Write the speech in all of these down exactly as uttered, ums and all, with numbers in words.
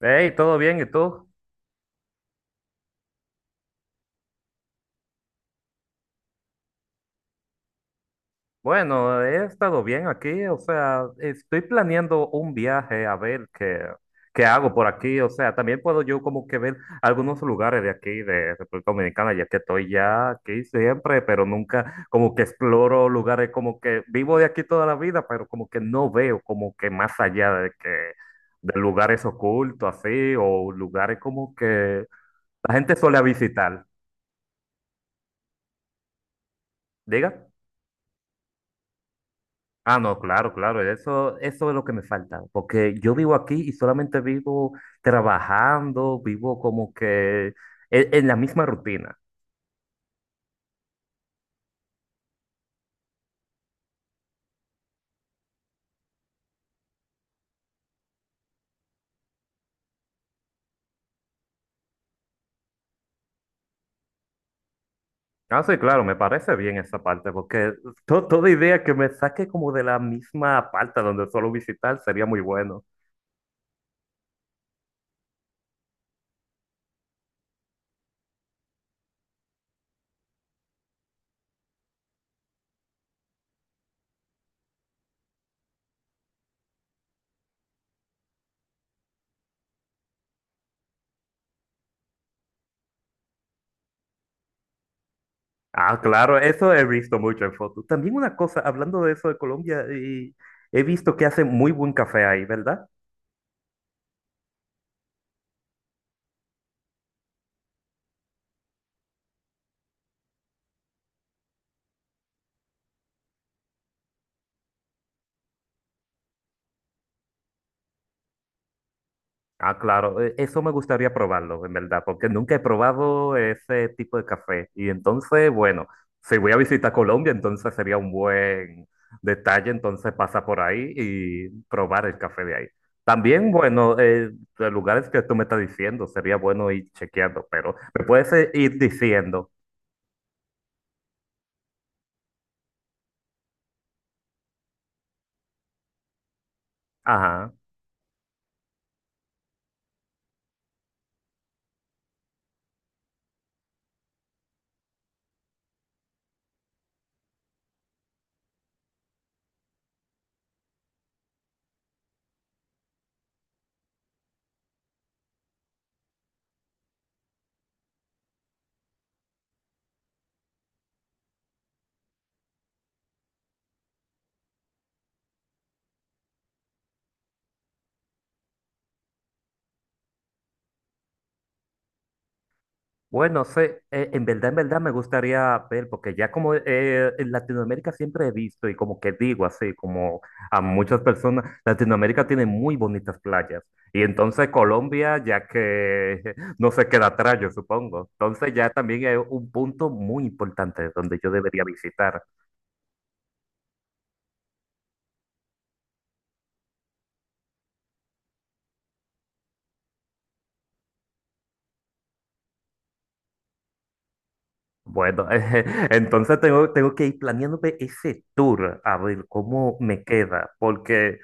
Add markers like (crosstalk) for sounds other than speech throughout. Hey, ¿todo bien? ¿Y tú? Bueno, he estado bien aquí, o sea, estoy planeando un viaje a ver qué, qué hago por aquí. O sea, también puedo yo como que ver algunos lugares de aquí, de República Dominicana, ya que estoy ya aquí siempre, pero nunca como que exploro lugares, como que vivo de aquí toda la vida, pero como que no veo como que más allá de que de lugares ocultos así, o lugares como que la gente suele visitar. Diga. Ah, no, claro, claro, eso, eso es lo que me falta, porque yo vivo aquí y solamente vivo trabajando, vivo como que en, en la misma rutina. Ah, sí, claro, me parece bien esa parte, porque to- toda idea que me saque como de la misma parte donde suelo visitar sería muy bueno. Ah, claro, eso he visto mucho en fotos. También una cosa, hablando de eso de Colombia, y he visto que hacen muy buen café ahí, ¿verdad? Ah, claro, e- eso me gustaría probarlo, en verdad, porque nunca he probado ese tipo de café. Y entonces, bueno, si voy a visitar Colombia, entonces sería un buen detalle, entonces pasa por ahí y probar el café de ahí. También, bueno, eh, los lugares que tú me estás diciendo, sería bueno ir chequeando, pero me puedes eh, ir diciendo, ajá. Bueno, sí, eh, en verdad, en verdad me gustaría ver, porque ya como eh, en Latinoamérica siempre he visto y como que digo así, como a muchas personas, Latinoamérica tiene muy bonitas playas. Y entonces Colombia, ya que (laughs) no se queda atrás, yo supongo. Entonces ya también es un punto muy importante donde yo debería visitar. Bueno, (laughs) entonces tengo, tengo que ir planeándome ese tour a ver cómo me queda, porque...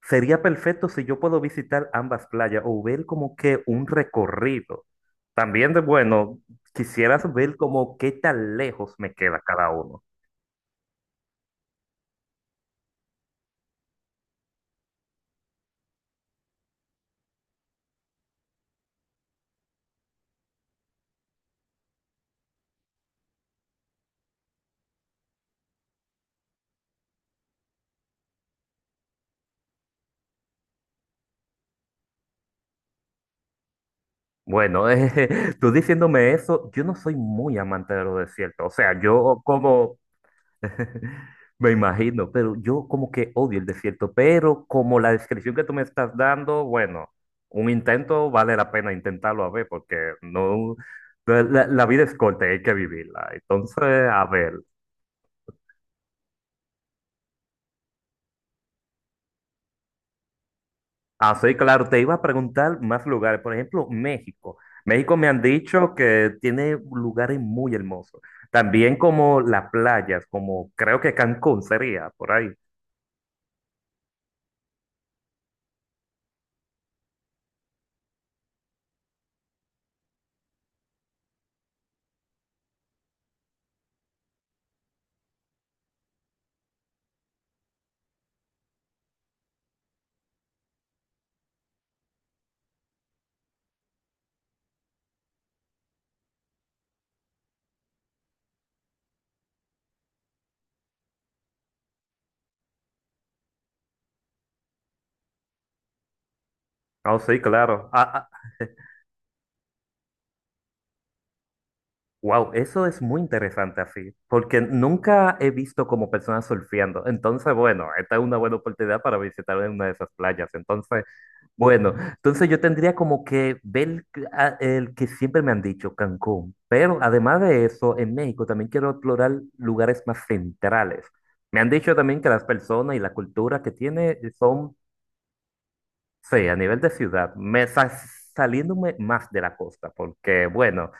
Sería perfecto si yo puedo visitar ambas playas o ver como que un recorrido. También de bueno, quisieras ver como qué tan lejos me queda cada uno. Bueno, (laughs) eh, tú diciéndome eso, yo no soy muy amante de los desiertos. O sea, yo como (laughs) me imagino, pero yo como que odio el desierto, pero como la descripción que tú me estás dando, bueno, un intento vale la pena intentarlo a ver, porque no, la, la- la vida es corta, y hay que vivirla. Entonces, a ver, ah, sí, claro, te iba a preguntar más lugares, por ejemplo, México. México me han dicho que tiene lugares muy hermosos, también como las playas, como creo que Cancún sería, por ahí. Oh, sí, claro. Ah, ah, wow, eso es muy interesante así, porque nunca he visto como personas surfeando. Entonces, bueno, esta es una buena oportunidad para visitar una de esas playas. Entonces, bueno, entonces yo tendría como que ver a- el que siempre me han dicho, Cancún. Pero además de eso, en México también quiero explorar lugares más centrales. Me han dicho también que las personas y la cultura que tiene son... Sí, a nivel de ciudad, me sa- saliéndome más de la costa, porque bueno,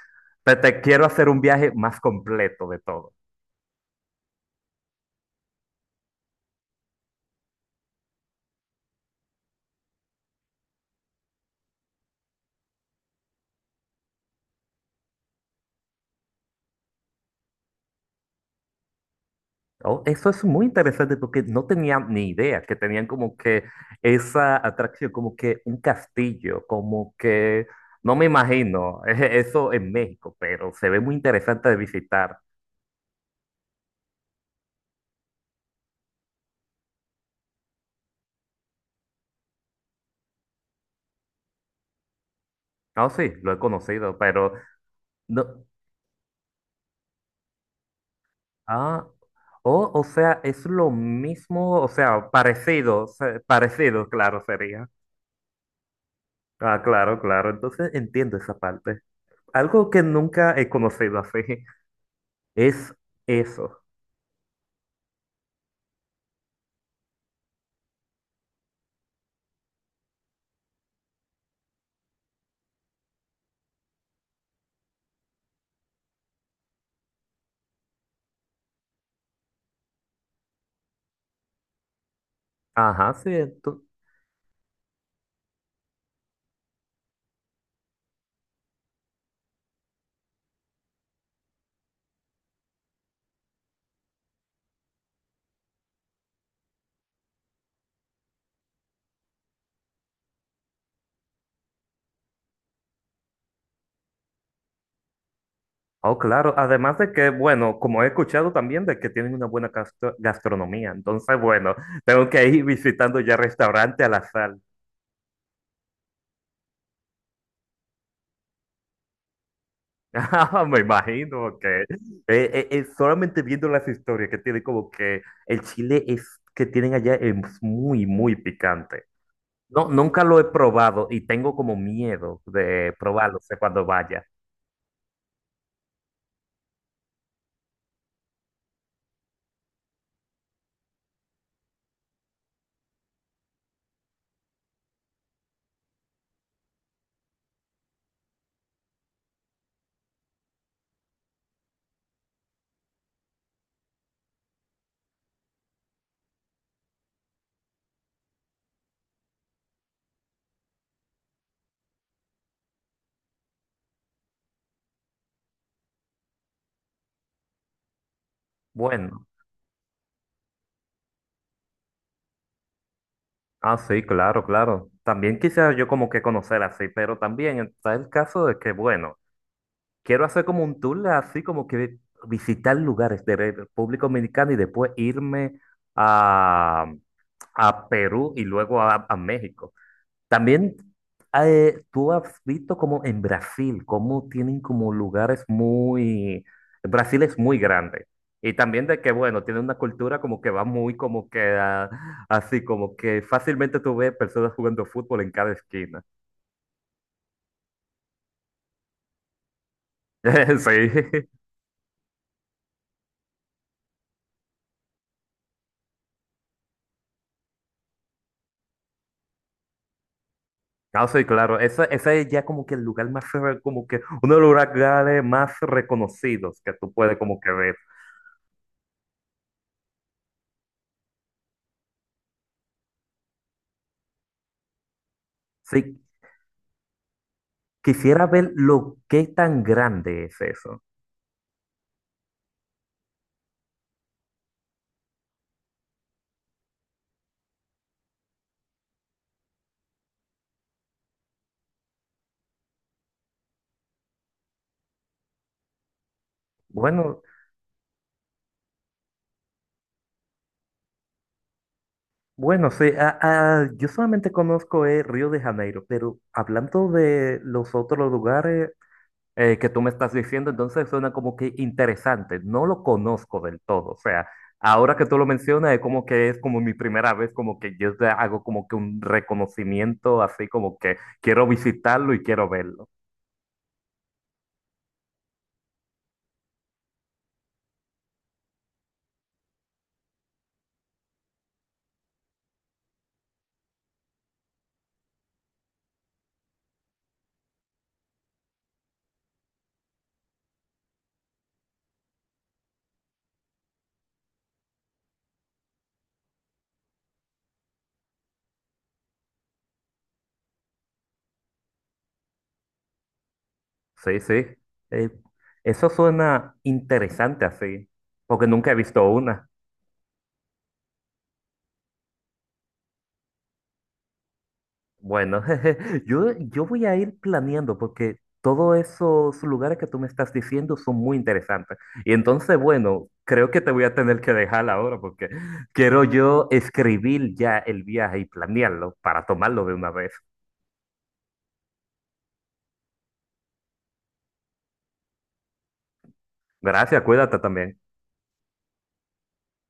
te, te quiero hacer un viaje más completo de todo. Oh, eso es muy interesante porque no tenía ni idea que tenían como que esa atracción, como que un castillo, como que no me imagino (laughs) eso en México, pero se ve muy interesante de visitar. Ah, sí, lo he conocido, pero no. Ah, oh, o sea, es lo mismo, o sea, parecido, se- parecido, claro, sería. Ah, claro, claro. Entonces entiendo esa parte. Algo que nunca he conocido así (laughs) es eso. Ajá, sí. ento- Oh, claro. Además de que, bueno, como he escuchado también de que tienen una buena gastro- gastronomía. Entonces, bueno, tengo que ir visitando ya restaurante a la sal. (laughs) Ah, me imagino que eh, eh, eh, solamente viendo las historias que tiene como que el chile es que tienen allá es muy, muy picante. No, nunca lo he probado y tengo como miedo de probarlo, sé cuando vaya. Bueno, ah, sí, claro, claro. También quisiera yo como que conocer así, pero también está el caso de que, bueno, quiero hacer como un tour así como que visitar lugares de República Dominicana y después irme a, a Perú y luego a, a México. También eh, tú has visto como en Brasil, cómo tienen como lugares muy... Brasil es muy grande. Y también de que, bueno, tiene una cultura como que va muy como que ah, así, como que fácilmente tú ves personas jugando fútbol en cada esquina. (laughs) Sí. No, sí, claro. Ese, ese es ya como que el lugar más, re- como que uno de los lugares más reconocidos que tú puedes como que ver. Sí, quisiera ver lo que tan grande es eso. Bueno. Bueno, sí, ah, ah, yo solamente conozco eh, Río de Janeiro, pero hablando de los otros lugares eh, que tú me estás diciendo, entonces suena como que interesante. No lo conozco del todo, o sea, ahora que tú lo mencionas es como que es como mi primera vez, como que yo te hago como que un reconocimiento, así como que quiero visitarlo y quiero verlo. Sí, sí, eh, eso suena interesante así, porque nunca he visto una. Bueno, (laughs) yo, yo voy a ir planeando porque todos esos lugares que tú me estás diciendo son muy interesantes. Y entonces, bueno, creo que te voy a tener que dejar ahora porque quiero yo escribir ya el viaje y planearlo para tomarlo de una vez. Gracias, cuídate también.